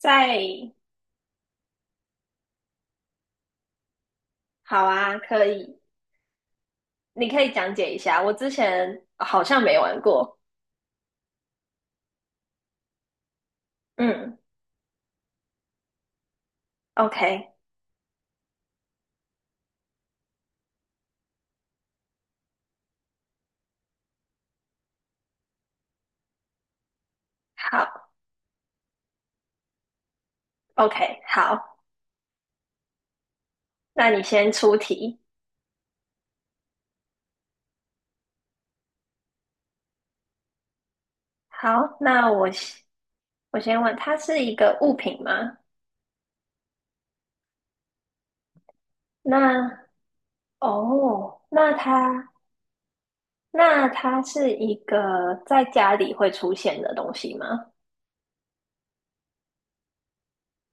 在。好啊，可以，你可以讲解一下。我之前好像没玩过。嗯，OK，好，OK，好，那你先出题。好，那我先问，它是一个物品吗？那哦，那它是一个在家里会出现的东西吗？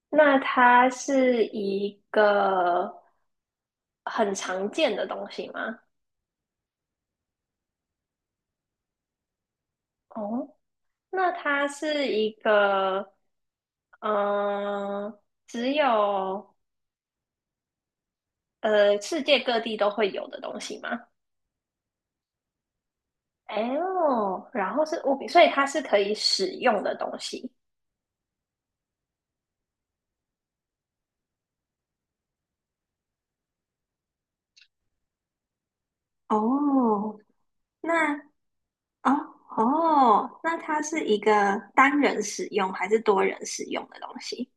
那它是一个很常见的东西吗？哦，那它是一个，呃，只有世界各地都会有的东西吗？哦，然后是物品，所以它是可以使用的东西。哦，那哦哦，那它是一个单人使用还是多人使用的东西？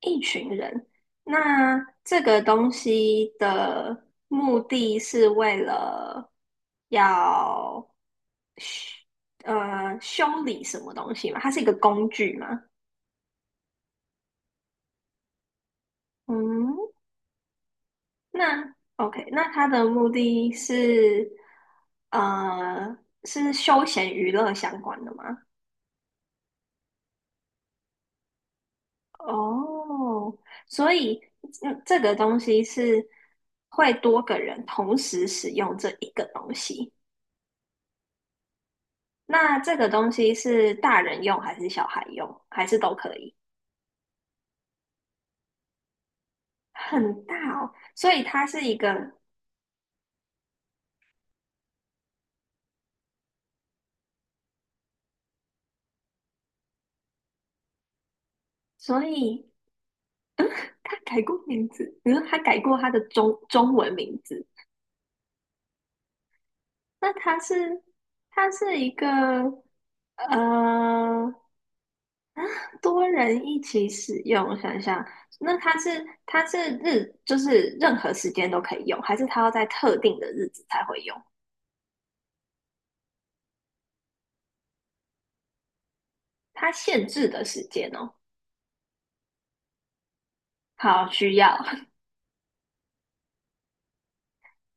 一群人，那这个东西的目的是为了要修修理什么东西吗？它是一个工具吗？嗯，那 OK，那它的目的是呃是休闲娱乐相关的吗？哦，所以嗯，这个东西是会多个人同时使用这一个东西。那这个东西是大人用还是小孩用，还是都可以？很大哦，所以它是一个，所以它改过名字，比如它改过它的中文名字，那它是一个呃多人一起使用，我想想，那它是日就是任何时间都可以用，还是它要在特定的日子才会用？它限制的时间哦，好需要。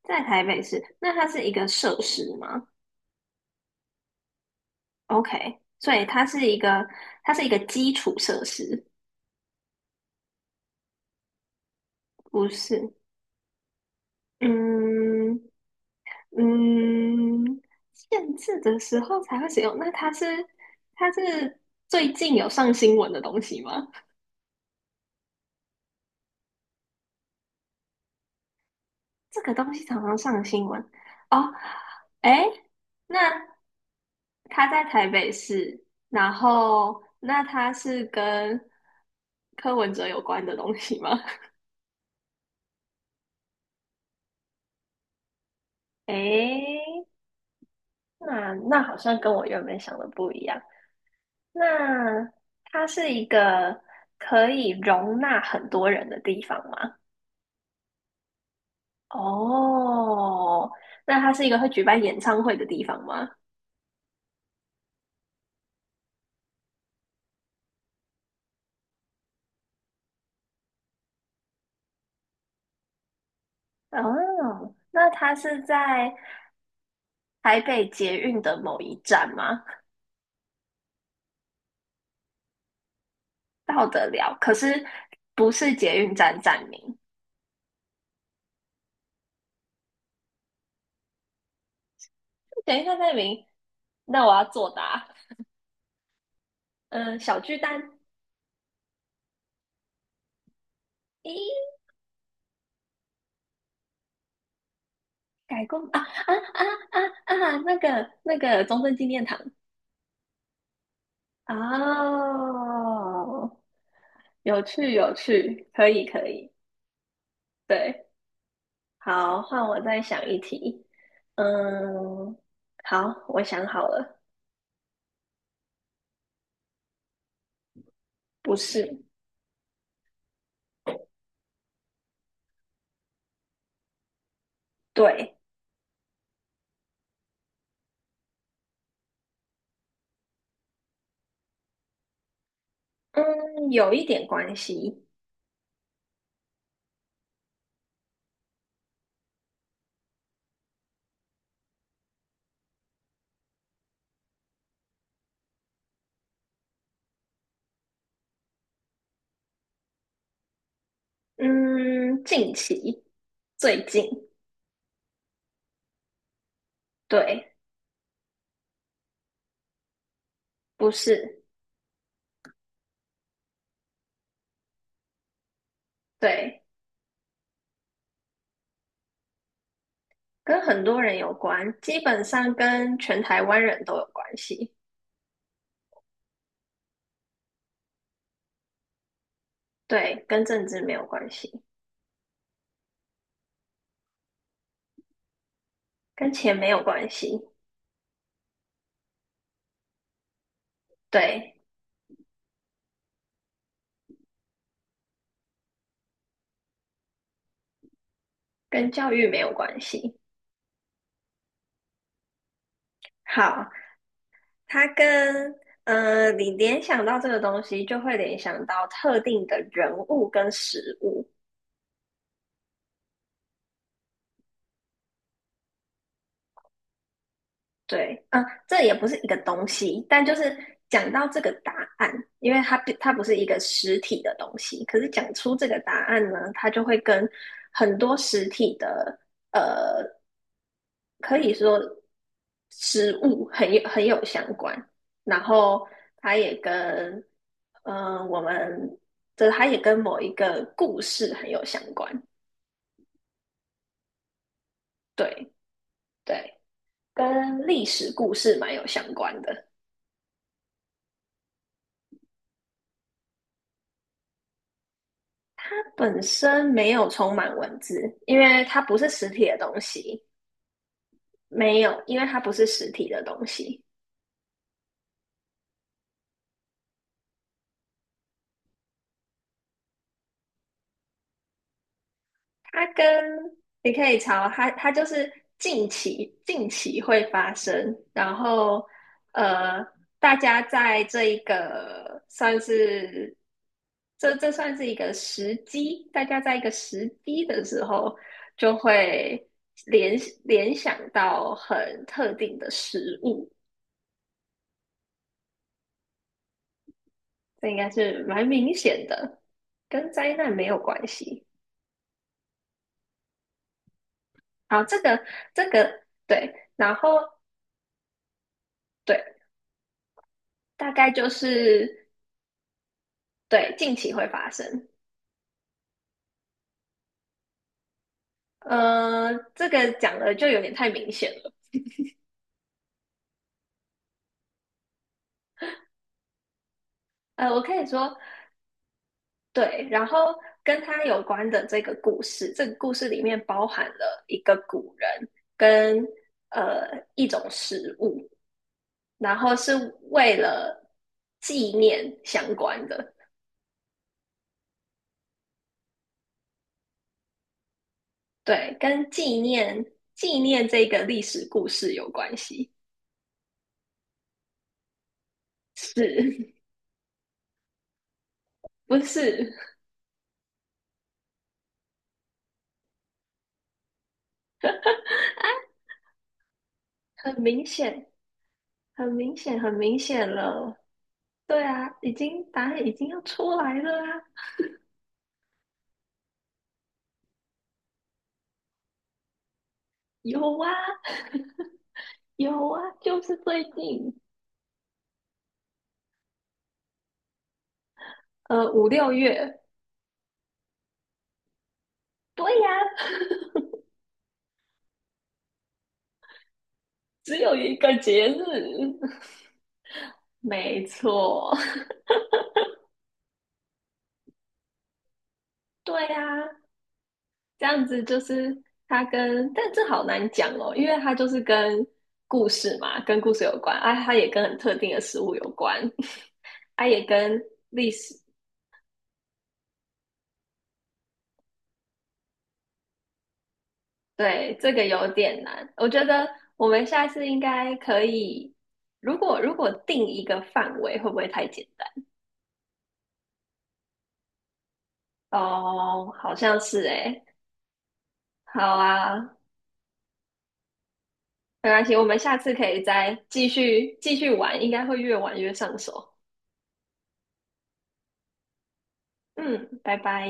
在台北市，那它是一个设施吗？OK，所以它是一个，它是一个基础设施，不是？嗯嗯，限制的时候才会使用。那它是最近有上新闻的东西吗？这个东西常常上新闻哦。哎，那它在台北市，然后那它是跟柯文哲有关的东西吗？哎。那那好像跟我原本想的不一样。那它是一个可以容纳很多人的地方吗？哦，那它是一个会举办演唱会的地方吗？哦，那它是在台北捷运的某一站吗？到得了，可是不是捷运站站名。等一下站名，那我要作答。嗯，小巨蛋。咦，改过啊！那个那个中正纪念堂，哦，有趣有趣，可以可以，对，好，换我再想一题。嗯，好，我想好了，不是，对，嗯，有一点关系，嗯，近期，最近，对，不是，对，跟很多人有关，基本上跟全台湾人都有关系，对，跟政治没有关系，跟钱没有关系，对，跟教育没有关系。好，它跟你联想到这个东西，就会联想到特定的人物跟食物。对，嗯、这也不是一个东西，但就是讲到这个答案，因为它不是一个实体的东西，可是讲出这个答案呢，它就会跟很多实体的呃。可以说食物很有相关，然后它也跟嗯、我们这它也跟某一个故事很有相关，对对，跟历史故事蛮有相关的。本身没有充满文字，因为它不是实体的东西，没有，因为它不是实体的东西。它跟你可以查哦，它它就是近期会发生，然后呃，大家在这一个算是这算是一个时机，大家在一个时机的时候就会联联想到很特定的食物，这应该是蛮明显的，跟灾难没有关系。好，这个这个对，然后对，大概就是。对，近期会发生。这个讲的就有点太明显了。我可以说，对，然后跟他有关的这个故事，这个故事里面包含了一个古人跟呃一种食物，然后是为了纪念相关的，对，跟纪念这个历史故事有关系，是不是？很明显，很明显，很明显了。对啊，已经答案已经要出来了啊，有啊，有啊，就是最近，五六月，对呀、只有一个节日，没错，对呀、这样子就是它跟，但这好难讲哦，因为它就是跟故事嘛，跟故事有关，啊，它也跟很特定的食物有关，它也跟历史。对，这个有点难。我觉得我们下次应该可以，如果定一个范围，会不会太简单？哦，好像是诶。好啊，没关系，我们下次可以再继续玩，应该会越玩越上手。嗯，拜拜。